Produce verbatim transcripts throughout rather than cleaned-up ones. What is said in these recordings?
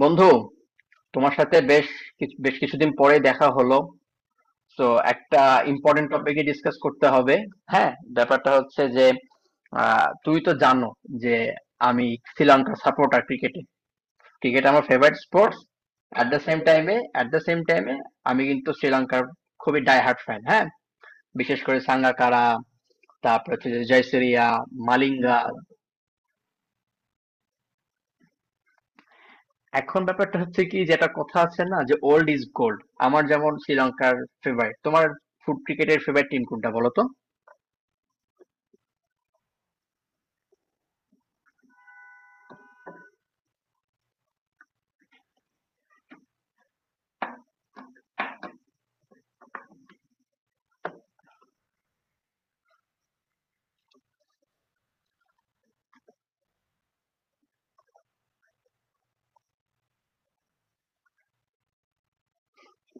বন্ধু, তোমার সাথে বেশ কিছু- বেশ কিছুদিন পরে দেখা হলো। তো একটা ইম্পর্টেন্ট টপিকে ডিসকাস করতে হবে। হ্যাঁ, ব্যাপারটা হচ্ছে যে আহ, তুই তো জানো যে আমি শ্রীলঙ্কার সাপোর্টার, ক্রিকেটে। ক্রিকেট আমার favourite sports. At the same টাইমে অ্যাট দ্য সেম টাইমে আমি কিন্তু শ্রীলঙ্কার খুবই ডাই হার্ট ফ্যান। হ্যাঁ, বিশেষ করে সাঙ্গাকারা, তারপর হচ্ছে যে জয়সুরিয়া, মালিঙ্গা। এখন ব্যাপারটা হচ্ছে কি, যেটা কথা আছে না যে ওল্ড ইজ গোল্ড। আমার যেমন শ্রীলঙ্কার ফেভারিট, তোমার ফুট ক্রিকেটের ফেভারিট টিম কোনটা বলো তো।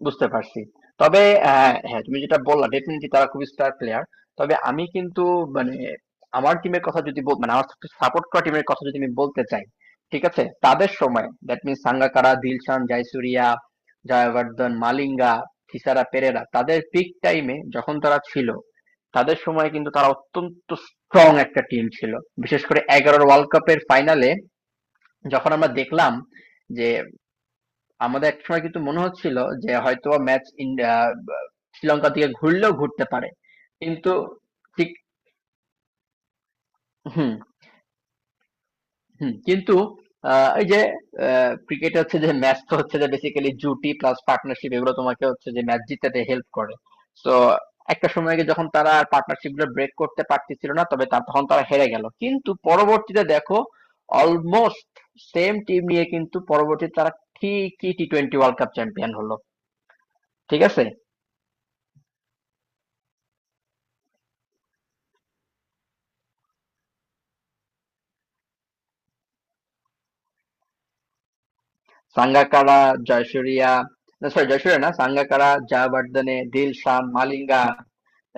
বুঝতে পারছি। তবে অ্যা, হ্যাঁ, তুমি যেটা বললা ডেফিনিটলি তারা খুবই স্টার প্লেয়ার। তবে আমি কিন্তু মানে আমার টিমের কথা যদি বল, মানে আমার সাপোর্ট করা টিমের কথা যদি আমি বলতে চাই, ঠিক আছে? তাদের সময়, দ্যাট মিনস সাঙ্গাকারা, দিলশান, জয়সুরিয়া, জয়বর্ধন, মালিঙ্গা, থিসারা পেরেরা, তাদের পিক টাইম এ যখন তারা ছিল, তাদের সময়ে কিন্তু তারা অত্যন্ত স্ট্রং একটা টিম ছিল। বিশেষ করে এগারো র ওয়ার্ল্ড কাপের ফাইনালে যখন আমরা দেখলাম যে আমাদের একসময় কিন্তু মনে হচ্ছিল যে হয়তোবা ম্যাচ ইন্ডিয়া, শ্রীলঙ্কার দিকে ঘুরলেও ঘুরতে পারে। কিন্তু ঠিক। হুম, হুম, কিন্তু আহ, এই যে ক্রিকেট হচ্ছে যে ম্যাচ তো হচ্ছে যে বেসিক্যালি জুটি প্লাস পার্টনারশিপ, এগুলো তোমাকে হচ্ছে যে ম্যাচ জিতাতে হেল্প করে। তো একটা সময় গিয়ে যখন তারা পার্টনারশিপ গুলো ব্রেক করতে পারতেছিল না, তবে তা- তখন তারা হেরে গেল। কিন্তু পরবর্তীতে দেখো অলমোস্ট সেম টিম নিয়ে কিন্তু পরবর্তীতে তারা ঠিকই T twenty world cup champion হলো। ঠিক আছে। সাঙ্গাকারা, জয়সূরিয়া, না সরি জয়সূরিয়া না, সাঙ্গাকারা, জয়াবর্ধনে, দিলশান, মালিঙ্গা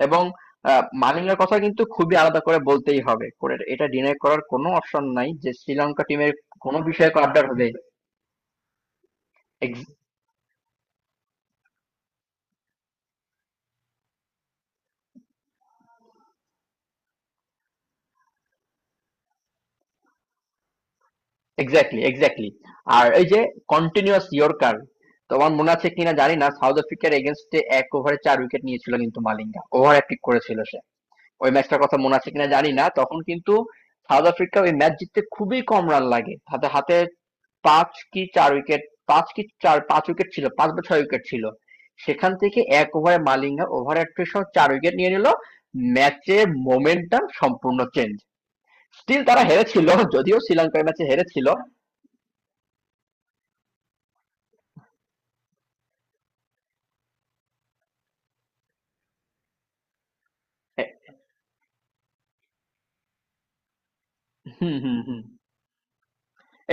এবং আহ, মালিঙ্গার কথা কিন্তু খুবই আলাদা করে বলতেই হবে, করে এটা ডিনাই করার কোনো অপশন নাই যে শ্রীলঙ্কা টিমের কোনো বিষয়ে আবদার হবে। Exactly, exactly. আর এই যে কন্টিনিউয়াস ইয়র্কার, তোমার মনে আছে কিনা জানি না, সাউথ আফ্রিকার এগেনস্টে এক ওভারে চার উইকেট নিয়েছিল কিন্তু মালিঙ্গা, ওভার পিক করেছিল সে। ওই ম্যাচটার কথা মনে আছে কিনা জানি না, তখন কিন্তু সাউথ আফ্রিকা ওই ম্যাচ জিততে খুবই কম রান লাগে, হাতে হাতে পাঁচ কি চার উইকেট, পাঁচ কি চার পাঁচ উইকেট ছিল, পাঁচ বা ছয় উইকেট ছিল। সেখান থেকে এক ওভারে মালিঙ্গা ওভার একত্রিশ রান, চার উইকেট নিয়ে নিল। ম্যাচের মোমেন্টাম সম্পূর্ণ চেঞ্জ। স্টিল তারা হেরেছিল, যদিও শ্রীলঙ্কার ম্যাচে হেরেছিল। হ্যাঁ, হুম, হুম, হুম।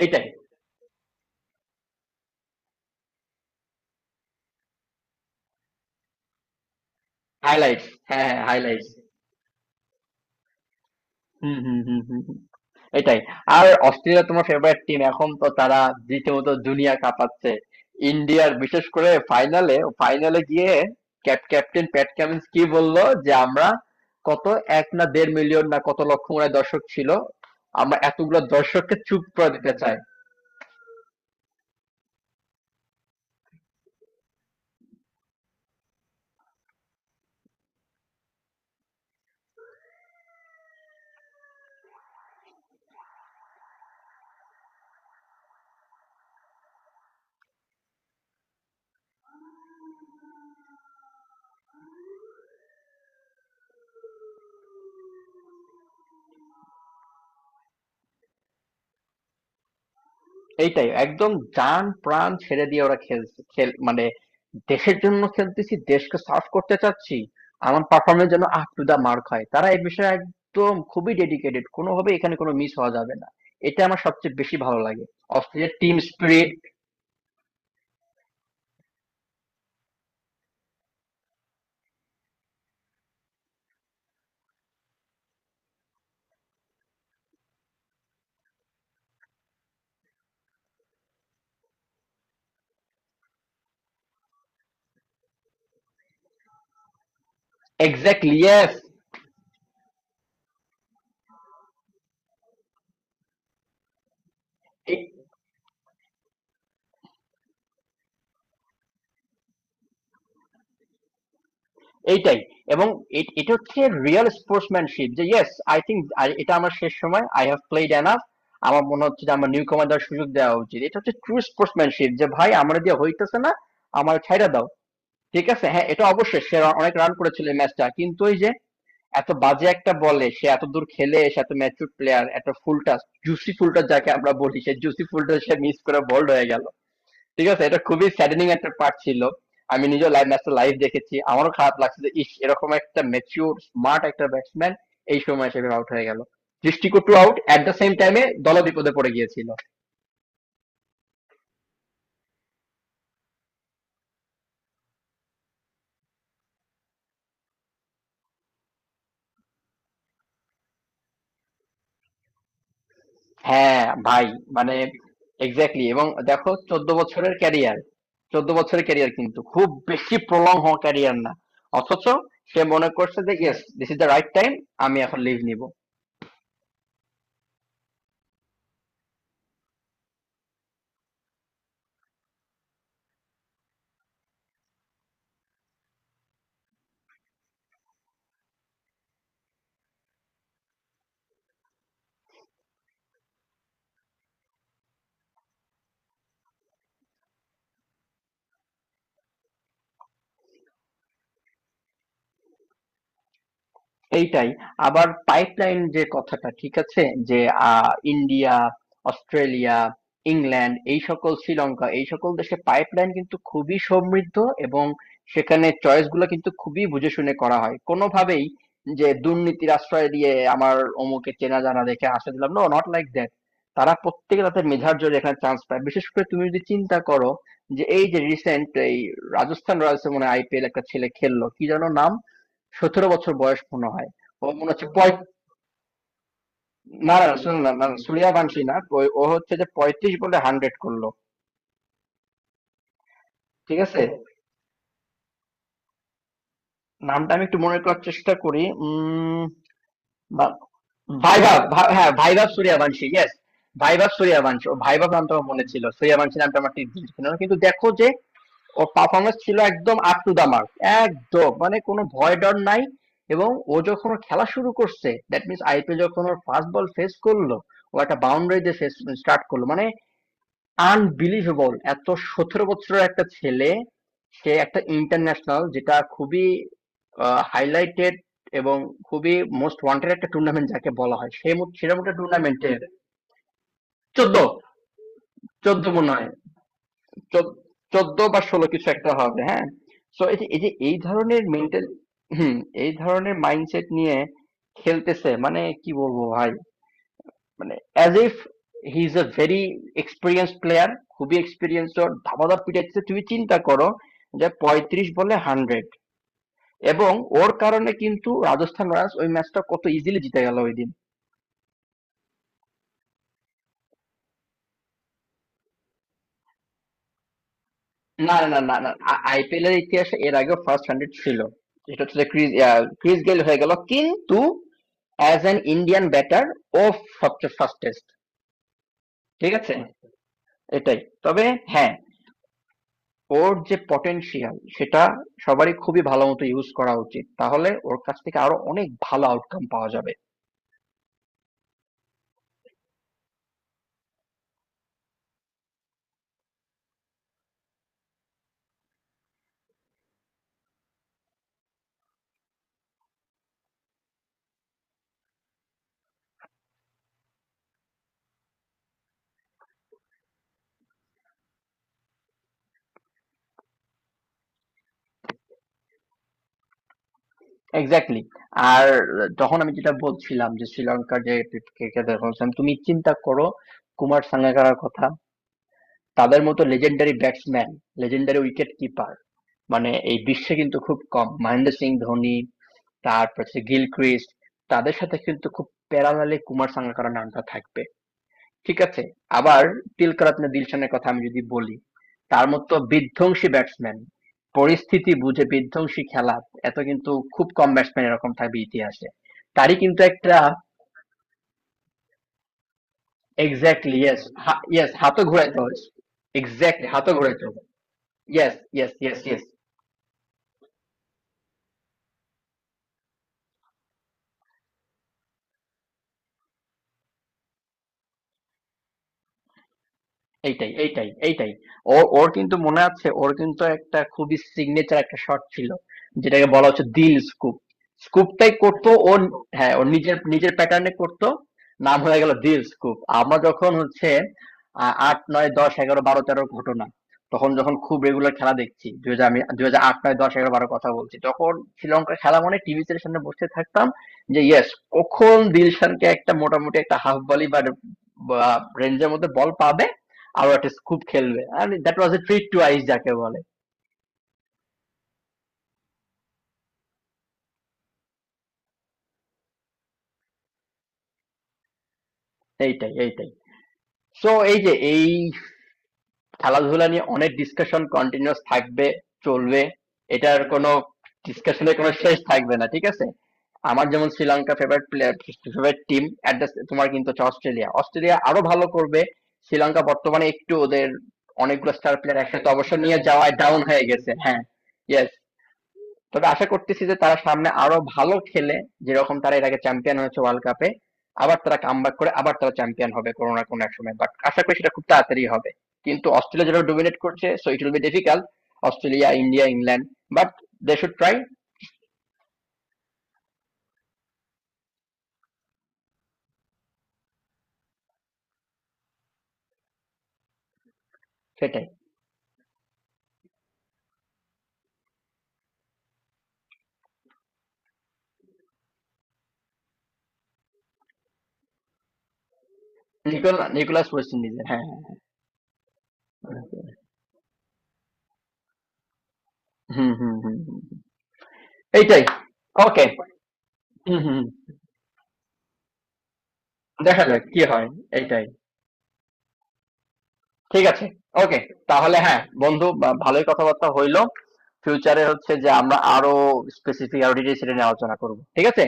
এইটাই। হাইলাইটস, হ্যাঁ, হ্যাঁ, হাইলাইটস। হুম, হুম, হুম, হুম, হুম। এটাই। আর অস্ট্রেলিয়া তোমার ফেভারিট টিম, এখন তো তারা রীতিমতো দুনিয়া কাঁপাচ্ছে। ইন্ডিয়ার, বিশেষ করে ফাইনালে, ফাইনালে গিয়ে ক্যাপ ক্যাপ্টেন প্যাট কামিন্স কি বললো যে আমরা কত, এক না দেড় মিলিয়ন না কত লক্ষ মনে হয় দর্শক ছিল, আমরা এতগুলো দর্শককে চুপ করে দিতে চাই। এইটাই একদম, জান প্রাণ ছেড়ে দিয়ে ওরা খেল, খেল মানে দেশের জন্য খেলতেছি, দেশকে সার্ভ করতে চাচ্ছি, আমার পারফরম্যান্স যেন আপ টু দ্য মার্ক হয়। তারা এই বিষয়ে একদম খুবই ডেডিকেটেড। কোনোভাবেই এখানে কোনো মিস হওয়া যাবে না। এটা আমার সবচেয়ে বেশি ভালো লাগে। অস্ট্রেলিয়ার টিম স্পিরিট, এক্স্যাক্টলি, ইয়েস। এইটাই এবং এ- এটা হচ্ছে রিয়েল স্পোর্টসম্যানশিপ যে ইয়েস, আই থিঙ্ক এটা আমার শেষ সময়, আই হ্যাভ প্লেড এনাফ। আমার মনে হচ্ছে যে আমার নিউ কমান্ডার সুযোগ দেওয়া উচিত। এটা হচ্ছে ট্রু স্পোর্টসম্যানশিপ যে ভাই আমার দিয়ে হইতেছে না, আমার ছাইড়া দাও। ঠিক আছে, হ্যাঁ, এটা অবশ্যই সে রা- অনেক রান করেছিল এই ম্যাচটা, কিন্তু ওই যে এত বাজে একটা বলে সে এত দূর খেলে এসে, এত ম্যাচুর প্লেয়ার, এত ফুলটা, জুসি ফুলটা যাকে আমরা বলি, সে জুসি ফুলটা সে মিস করে বোল্ড হয়ে গেল। ঠিক আছে, এটা খুবই স্যাডেনিং একটা পার্ট ছিল। আমি নিজেও লাইভ ম্যাচটা লাইভ দেখেছি, আমারও খারাপ লাগছে যে ইস, এরকম একটা ম্যাচিউর স্মার্ট একটা ব্যাটসম্যান এই সময় হিসেবে আউট হয়ে গেল, দৃষ্টিকটু আউট। এট দ্য সেম টাইমে দল বিপদে পড়ে গিয়েছিল। হ্যাঁ ভাই, মানে এক্স্যাক্টলি। এবং দেখো, চোদ্দ বছরের ক্যারিয়ার, চোদ্দ বছরের ক্যারিয়ার, কিন্তু খুব বেশি প্রলং হওয়া ক্যারিয়ার না। অথচ সে মনে করছে যে yes, this is the right time, আমি এখন লিভ নিব। এইটাই। আবার পাইপলাইন যে কথাটা, ঠিক আছে? যে আ, ইন্ডিয়া, অস্ট্রেলিয়া, ইংল্যান্ড, এই সকল, শ্রীলঙ্কা, এই সকল দেশে পাইপলাইন কিন্তু খুবই সমৃদ্ধ এবং সেখানে চয়েস গুলা কিন্তু খুবই বুঝে শুনে করা হয়। কোনোভাবেই যে দুর্নীতির আশ্রয় দিয়ে আমার অমুকে চেনা জানা দেখে আশ্রয় দিলাম, নো নট লাইক দ্যাট। তারা প্রত্যেকে তাদের মেধার জোরে এখানে চান্স পায়। বিশেষ করে তুমি যদি চিন্তা করো যে এই যে রিসেন্ট এই রাজস্থান রয়্যালস এ মনে হয় আইপিএল একটা ছেলে খেললো, কি যেন নাম? সতেরো বছর বয়স মনে হয়। ও মনে হচ্ছে পঁয়- না না, শুনুন, না না সুরিয়া বানশি না, ও- ও হচ্ছে যে পঁয়ত্রিশ বলে হান্ড্রেড করলো। ঠিক আছে। নামটা আমি একটু মনে করার চেষ্টা করি, উম, বা- ভাইভাব ভা- হ্যাঁ, Vaibhav Suryavanshi, yes. Vaibhav Suryavanshi, ও, ভাইভাব নামটা আমার মনে ছিল, সুরিয়া বানশি নামটা আমার ঠিক ছিল না। কিন্তু দেখো যে ওর পারফরমেন্স ছিল একদম আপ টু দা মার্ক, একদম মানে কোনো ভয় ডর নাই। এবং ও যখন ওর খেলা শুরু করছে, দ্যাট মিনস আইপিএল যখন ওর ফার্স্ট বল ফেস করলো, ও একটা বাউন্ডারি দিয়ে ফেস স্টার্ট করলো, মানে আনবিলিভেবল। এত, সতেরো বছরের একটা ছেলে, সে একটা ইন্টারন্যাশনাল যেটা খুবই হাইলাইটেড এবং খুবই মোস্ট ওয়ান্টেড একটা টুর্নামেন্ট যাকে বলা হয়, সেই মো- সেরকম একটা টুর্নামেন্টের। চোদ্দ, চোদ্দ মনে হয়, চোদ্দ- চোদ্দ বা ষোলো কিছু একটা হবে, হ্যাঁ। তো এই যে এই যে এই ধরনের মেন্টাল, হুম, এই ধরনের মাইন্ডসেট নিয়ে খেলতেছে, মানে কি বলবো ভাই, মানে as if he is a very experience player, খুবই এক্সপিরিয়েন্স। ওর ধামাধাপ পিটাচ্ছে, তুমি চিন্তা করো যে পঁয়ত্রিশ বলে হান্ড্রেড এবং ওর কারণে কিন্তু রাজস্থান রয়্যালস ওই ম্যাচটা কত ইজিলি জিতে গেল ওই দিন। না না না না, আইপিএল এর ইতিহাসে এর আগেও ফার্স্ট হান্ড্রেড ছিল, এটা হচ্ছে ক্রিস, ক্রিস গেল হয়ে গেল, কিন্তু অ্যাজ অ্যান ইন্ডিয়ান ব্যাটার ও সবচেয়ে ফাস্টেস্ট। ঠিক আছে, এটাই। তবে হ্যাঁ, ওর যে পটেনশিয়াল সেটা সবারই খুবই ভালো মতো ইউজ করা উচিত, তাহলে ওর কাছ থেকে আরো অনেক ভালো আউটকাম পাওয়া যাবে। এক্স্যাক্টলি। আর যখন আমি যেটা বলছিলাম যে শ্রীলঙ্কার যে ক্রিকেটার বলছিলাম, তুমি চিন্তা করো কুমার সাঙ্গাকারার কথা, তাদের মতো legendary batsman, legendary wicket keeper, মানে এই বিশ্বে কিন্তু খুব কম। মহেন্দ্র সিং ধোনি, তারপর হচ্ছে গিলক্রিস্ট, তাদের সাথে কিন্তু খুব প্যারালালে কুমার সাঙ্গাকারার নামটা থাকবে, ঠিক আছে? আবার তিলকরত্নে দিলশানের কথা আমি যদি বলি, তার মতো বিধ্বংসী ব্যাটসম্যান, পরিস্থিতি বুঝে বিধ্বংসী খেলা, এত, কিন্তু খুব কম ব্যাটসম্যান এরকম থাকবে ইতিহাসে। তারই কিন্তু একটা এক্সাক্টলি, ইয়েস, ইয়েস, হাতও ঘুরাইতে হবে। এক্সাক্টলি, হাতও ঘুরাইতে হবে। Yes, yes, yes, yes. এইটাই, এইটাই, এইটাই। ও, ওর কিন্তু মনে আছে, ওর কিন্তু একটা খুবই সিগনেচার একটা শট ছিল যেটাকে বলা হচ্ছে দিল স্কুপ। স্কুপটাই করতো ওর, হ্যাঁ, ওর নিজের নিজের প্যাটার্নে করতো, নাম হয়ে গেল দিল স্কুপ। আমরা যখন হচ্ছে আ, আট, নয়, দশ, এগারো, বারো, তেরোর ঘটনা, তখন যখন খুব রেগুলার খেলা দেখছি, দুই হাজার, আমি দুই হাজার আট, নয়, দশ, এগারো, বারো কথা বলছি, তখন শ্রীলঙ্কার খেলা মানে টিভি এর সামনে বসে থাকতাম যে ইয়েস, কখন দিলশানকে একটা মোটামুটি একটা হাফ ভলি বা বা রেঞ্জের মধ্যে বল পাবে, আরো একটা স্কুপ খেলবে, আর that was a treat to eyes যাকে বলে। এইটাই, এইটাই। সো এই যে এই খেলাধুলা নিয়ে অনেক ডিসকাশন কন্টিনিউয়াস থাকবে, চলবে, এটার কোনো ডিসকাশনের কোনো শেষ থাকবে না, ঠিক আছে। আমার যেমন Sri Lanka favourite player, favourite team, at, তোমার কিন্তু হচ্ছে অস্ট্রেলিয়া, অস্ট্রেলিয়া আরো ভালো করবে। শ্রীলঙ্কা বর্তমানে একটু ওদের অনেকগুলো স্টার প্লেয়ার একসাথে অবসর নিয়ে যাওয়ায় ডাউন হয়ে গেছে, হ্যাঁ, ইয়েস। তবে আশা করতেছি যে তারা সামনে আরো ভালো খেলে, যেরকম তারা এর আগে চ্যাম্পিয়ন হয়েছে ওয়ার্ল্ড কাপে, আবার তারা কামব্যাক করে আবার তারা চ্যাম্পিয়ন হবে কোনো না কোনো এক সময়, বাট আশা করি সেটা খুব তাড়াতাড়ি হবে। কিন্তু অস্ট্রেলিয়া যেটা ডোমিনেট করছে, so it will be difficult. Australia, India, England, but they should try. সেটাই। নিকোলা নিকোলাস ওয়েস্ট ইন্ডিজের, হ্যাঁ, হ্যাঁ। হুম, হুম, হুম, হুম। এইটাই। ওকে। হুম, হুম। দেখা যাক কি হয়। এইটাই, ঠিক আছে। ওকে, তাহলে হ্যাঁ বন্ধু, বা- ভালোই কথাবার্তা হইলো। ফিউচারে হচ্ছে যে আমরা আরো স্পেসিফিক, আরো ডিটেইলস এটা নিয়ে আলোচনা করব, ঠিক আছে।